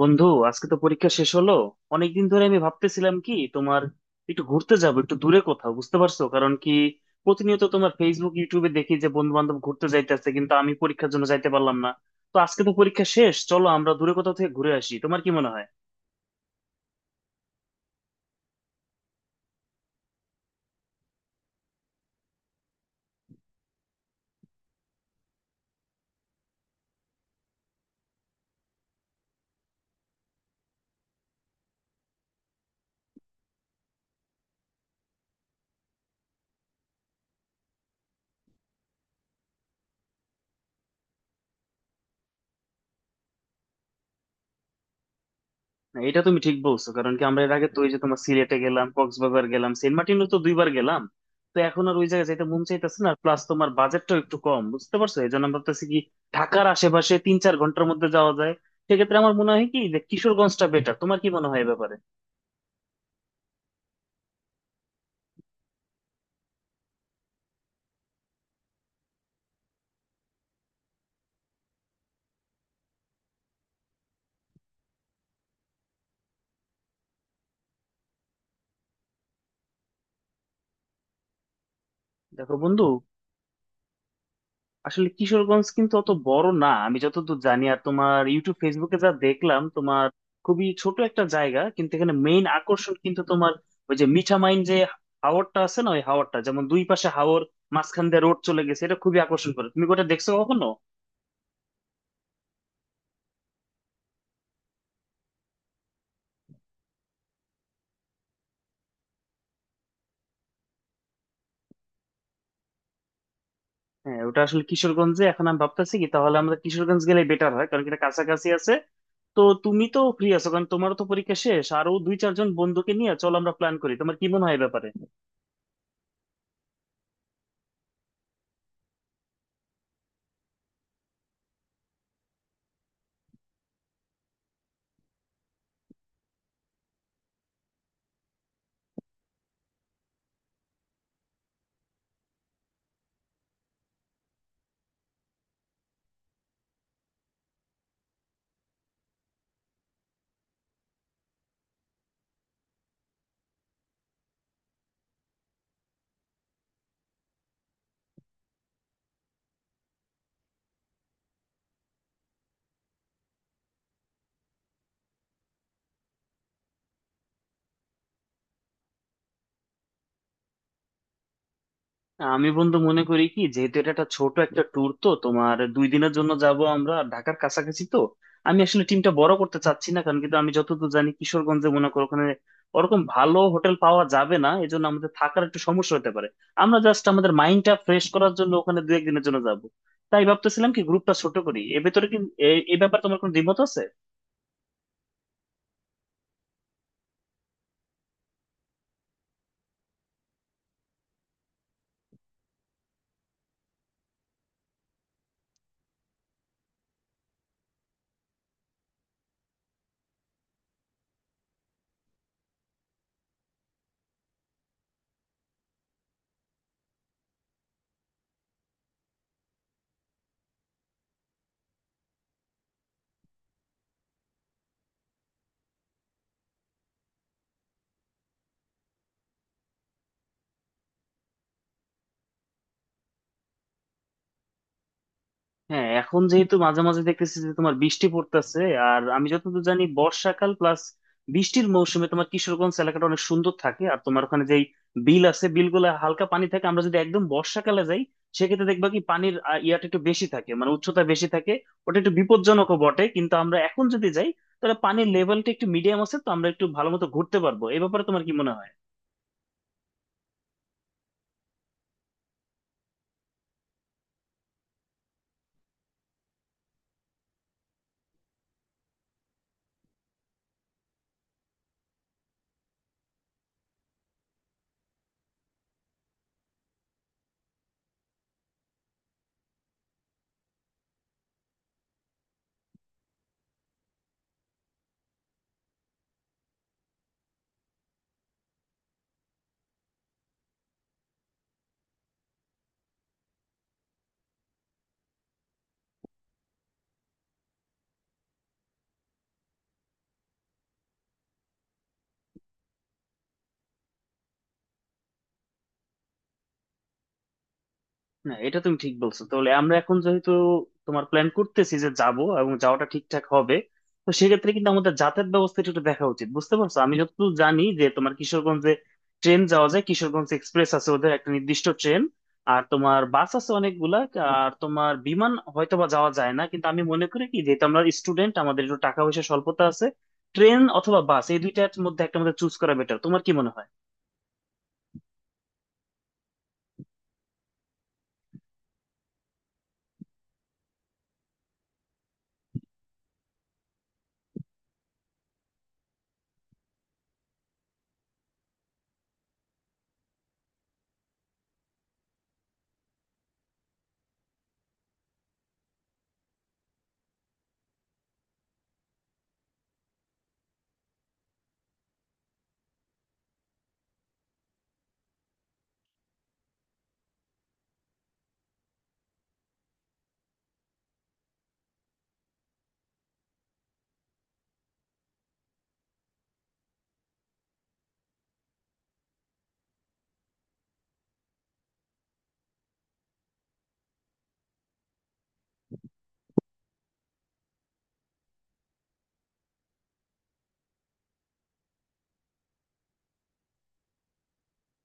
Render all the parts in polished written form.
বন্ধু, আজকে তো পরীক্ষা শেষ হলো। অনেকদিন ধরে আমি ভাবতেছিলাম কি তোমার, একটু ঘুরতে যাবো একটু দূরে কোথাও, বুঝতে পারছো কারণ কি, প্রতিনিয়ত তোমার ফেসবুক ইউটিউবে দেখি যে বন্ধু বান্ধব ঘুরতে যাইতেছে কিন্তু আমি পরীক্ষার জন্য যাইতে পারলাম না। তো আজকে তো পরীক্ষা শেষ, চলো আমরা দূরে কোথাও থেকে ঘুরে আসি, তোমার কি মনে হয়? না, এটা তুমি ঠিক বলছো, কারণ কি আমরা এর আগে তো ওই যে তোমার সিলেটে গেলাম, কক্সবাজার গেলাম, সেন্ট মার্টিনও তো 2 বার গেলাম। তো এখন আর ওই জায়গায় যেতে মন চাইতেছে না, প্লাস তোমার বাজেটটাও একটু কম, বুঝতে পারছো, এই জন্য আমরা ভাবতেছি কি ঢাকার আশেপাশে 3-4 ঘন্টার মধ্যে যাওয়া যায়। সেক্ষেত্রে আমার মনে হয় কি যে কিশোরগঞ্জটা বেটার, তোমার কি মনে হয় এ ব্যাপারে? দেখো বন্ধু, আসলে কিশোরগঞ্জ কিন্তু অত বড় না আমি যতদূর জানি, আর তোমার ইউটিউব ফেসবুকে যা দেখলাম, তোমার খুবই ছোট একটা জায়গা, কিন্তু এখানে মেইন আকর্ষণ কিন্তু তোমার ওই যে মিঠামাইন, যে হাওরটা আছে না, ওই হাওরটা, যেমন দুই পাশে হাওর, মাঝখান দিয়ে রোড চলে গেছে, এটা খুবই আকর্ষণ করে, তুমি কি ওটা দেখছো কখনো? হ্যাঁ, ওটা আসলে কিশোরগঞ্জে। এখন আমি ভাবতেছি কি, তাহলে আমরা কিশোরগঞ্জ গেলে বেটার হয়, কারণ কি এটা কাছাকাছি আছে। তো তুমি তো ফ্রি আছো, কারণ তোমারও তো পরীক্ষা শেষ, আরো দুই চারজন বন্ধুকে নিয়ে চলো আমরা প্ল্যান করি, তোমার কি মনে হয় এ ব্যাপারে? আমি বন্ধু মনে করি কি, যেহেতু এটা একটা ছোট একটা ট্যুর, তো তোমার 2 দিনের জন্য যাব আমরা, ঢাকার কাছাকাছি, তো আমি আসলে টিমটা বড় করতে চাচ্ছি না, কারণ কিন্তু আমি যতদূর জানি কিশোরগঞ্জে, মনে করো ওখানে ওরকম ভালো হোটেল পাওয়া যাবে না, এজন্য আমাদের থাকার একটু সমস্যা হতে পারে। আমরা জাস্ট আমাদের মাইন্ডটা ফ্রেশ করার জন্য ওখানে দু একদিনের জন্য যাব, তাই ভাবতেছিলাম কি গ্রুপটা ছোট করি, এ ভেতরে কি এ এ ব্যাপারে তোমার কোনো দ্বিমত আছে? হ্যাঁ, এখন যেহেতু মাঝে মাঝে দেখতেছি যে তোমার বৃষ্টি পড়তেছে, আর আমি যতদূর জানি বর্ষাকাল, প্লাস বৃষ্টির মৌসুমে তোমার কিশোরগঞ্জ এলাকাটা অনেক সুন্দর থাকে, আর তোমার ওখানে যেই বিল আছে, বিলগুলো হালকা পানি থাকে, আমরা যদি একদম বর্ষাকালে যাই, সেক্ষেত্রে দেখবা কি পানির ইয়াটা একটু বেশি থাকে, মানে উচ্চতা বেশি থাকে, ওটা একটু বিপজ্জনকও বটে। কিন্তু আমরা এখন যদি যাই, তাহলে পানির লেভেলটা একটু মিডিয়াম আছে, তো আমরা একটু ভালো মতো ঘুরতে পারবো, এই ব্যাপারে তোমার কি মনে হয়? না, এটা তুমি ঠিক বলছো। তাহলে আমরা এখন যেহেতু তোমার প্ল্যান করতেছি যে যাব, এবং যাওয়াটা ঠিকঠাক হবে, তো সেক্ষেত্রে কিন্তু আমাদের যাতায়াত ব্যবস্থাটা একটু দেখা উচিত, বুঝতে পারছো। আমি যতদূর জানি যে তোমার কিশোরগঞ্জে ট্রেন যাওয়া যায়, কিশোরগঞ্জ এক্সপ্রেস আছে, ওদের একটা নির্দিষ্ট ট্রেন, আর তোমার বাস আছে অনেকগুলা, আর তোমার বিমান হয়তোবা যাওয়া যায় না, কিন্তু আমি মনে করি কি যেহেতু আমরা স্টুডেন্ট, আমাদের একটু টাকা পয়সা স্বল্পতা আছে, ট্রেন অথবা বাস এই দুইটার মধ্যে একটা আমাদের চুজ করা বেটার, তোমার কি মনে হয়?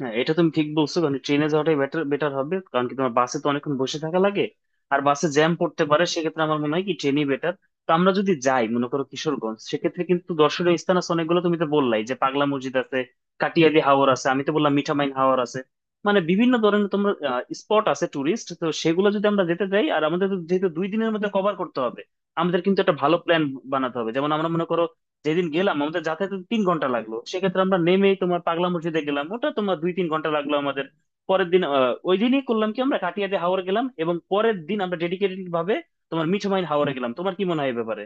হ্যাঁ, এটা তুমি ঠিক বলছো, কারণ ট্রেনে যাওয়াটাই বেটার বেটার হবে, কারণ কি তোমার বাসে তো অনেকক্ষণ বসে থাকা লাগে, আর বাসে জ্যাম পড়তে পারে, সেক্ষেত্রে আমার মনে হয় কি ট্রেনই বেটার। তো আমরা যদি যাই মনে করো কিশোরগঞ্জ, সেক্ষেত্রে কিন্তু দর্শনীয় স্থান আছে অনেকগুলো, তুমি তো বললাই যে পাগলা মসজিদ আছে, কাটিয়াদি হাওর আছে, আমি তো বললাম মিঠামাইন হাওর আছে, মানে বিভিন্ন ধরনের তোমার স্পট আছে টুরিস্ট। তো সেগুলো যদি আমরা যেতে যাই, আর আমাদের তো যেহেতু 2 দিনের মধ্যে কভার করতে হবে, আমাদের কিন্তু একটা ভালো প্ল্যান বানাতে হবে। যেমন আমরা মনে করো যেদিন গেলাম, আমাদের যাতায়াতে 3 ঘন্টা লাগলো, সেক্ষেত্রে আমরা নেমে তোমার পাগলা মসজিদে গেলাম, ওটা তোমার 2-3 ঘন্টা লাগলো আমাদের, পরের দিন ওই দিনই করলাম কি আমরা কাটিয়া দিয়ে হাওড় গেলাম, এবং পরের দিন আমরা ডেডিকেটেড ভাবে তোমার মিঠুমাইন হাওড়ে গেলাম, তোমার কি মনে হয় এই ব্যাপারে?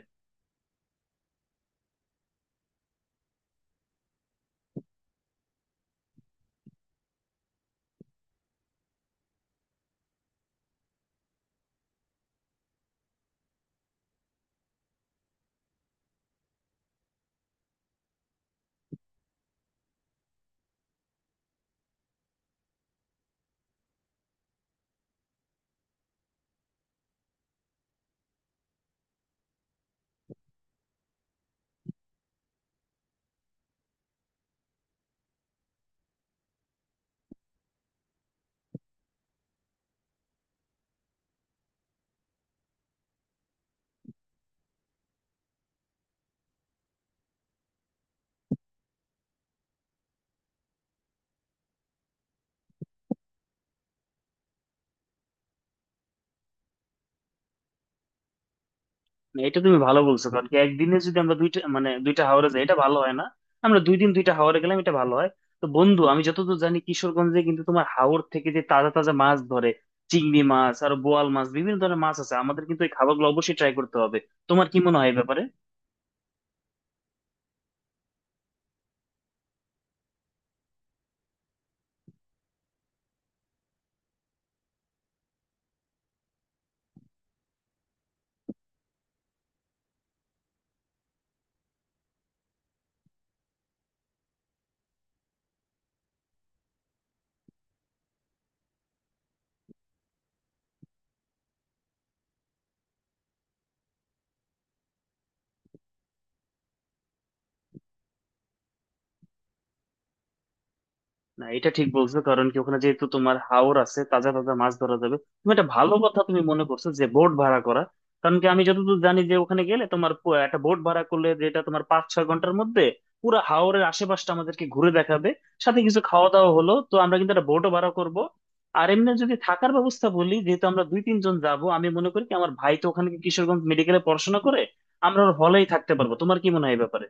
না, এটা তুমি ভালো বলছো, কারণ কি একদিনে যদি আমরা দুইটা, মানে দুইটা হাওড়ে যাই এটা ভালো হয় না, আমরা 2 দিন দুইটা হাওড়ে গেলাম এটা ভালো হয়। তো বন্ধু, আমি যতদূর জানি কিশোরগঞ্জে কিন্তু তোমার হাওর থেকে যে তাজা তাজা মাছ ধরে, চিংড়ি মাছ আর বোয়াল মাছ বিভিন্ন ধরনের মাছ আছে, আমাদের কিন্তু এই খাবারগুলো অবশ্যই ট্রাই করতে হবে, তোমার কি মনে হয় এই ব্যাপারে? না, এটা ঠিক বলছো, কারণ কি ওখানে যেহেতু তোমার হাওর আছে, তাজা তাজা মাছ ধরা যাবে। তুমি একটা ভালো কথা তুমি মনে করছো যে বোট ভাড়া করা, কারণ কি আমি যতদূর জানি যে ওখানে গেলে তোমার একটা বোট ভাড়া করলে, যেটা তোমার 5-6 ঘন্টার মধ্যে পুরো হাওরের আশেপাশটা আমাদেরকে ঘুরে দেখাবে, সাথে কিছু খাওয়া দাওয়া হলো, তো আমরা কিন্তু একটা বোটও ভাড়া করব। আর এমনি যদি থাকার ব্যবস্থা বলি, যেহেতু আমরা 2-3 জন যাব, আমি মনে করি কি আমার ভাই তো ওখানে কিশোরগঞ্জ মেডিকেলে পড়াশোনা করে, আমরা ওর হলেই থাকতে পারবো, তোমার কি মনে হয় এই ব্যাপারে?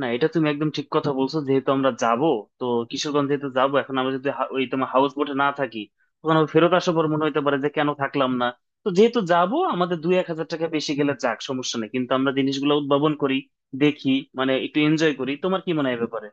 না, এটা তুমি একদম ঠিক কথা বলছো। যেহেতু আমরা যাব, তো কিশোরগঞ্জ যেহেতু যাবো, এখন আমরা যদি ওই তোমার হাউস বোটে না থাকি, তখন আবার ফেরত আসার পর মনে হতে পারে যে কেন থাকলাম না। তো যেহেতু যাব, আমাদের 1-2 হাজার টাকা বেশি গেলে যাক, সমস্যা নেই, কিন্তু আমরা জিনিসগুলো উদ্ভাবন করি, দেখি, মানে একটু এনজয় করি, তোমার কি মনে হয় এ ব্যাপারে?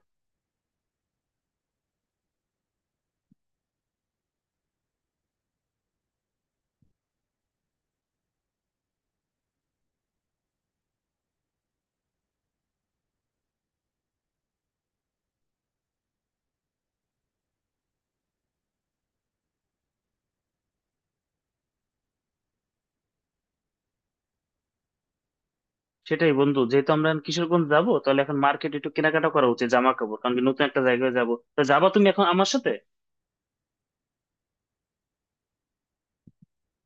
সেটাই বন্ধু, যেহেতু আমরা এখন কিশোরগঞ্জ যাবো, তাহলে এখন মার্কেট একটু কেনাকাটা করা উচিত, জামা কাপড়, কারণ কি নতুন একটা জায়গায় যাবো, তো যাবা তুমি এখন আমার সাথে?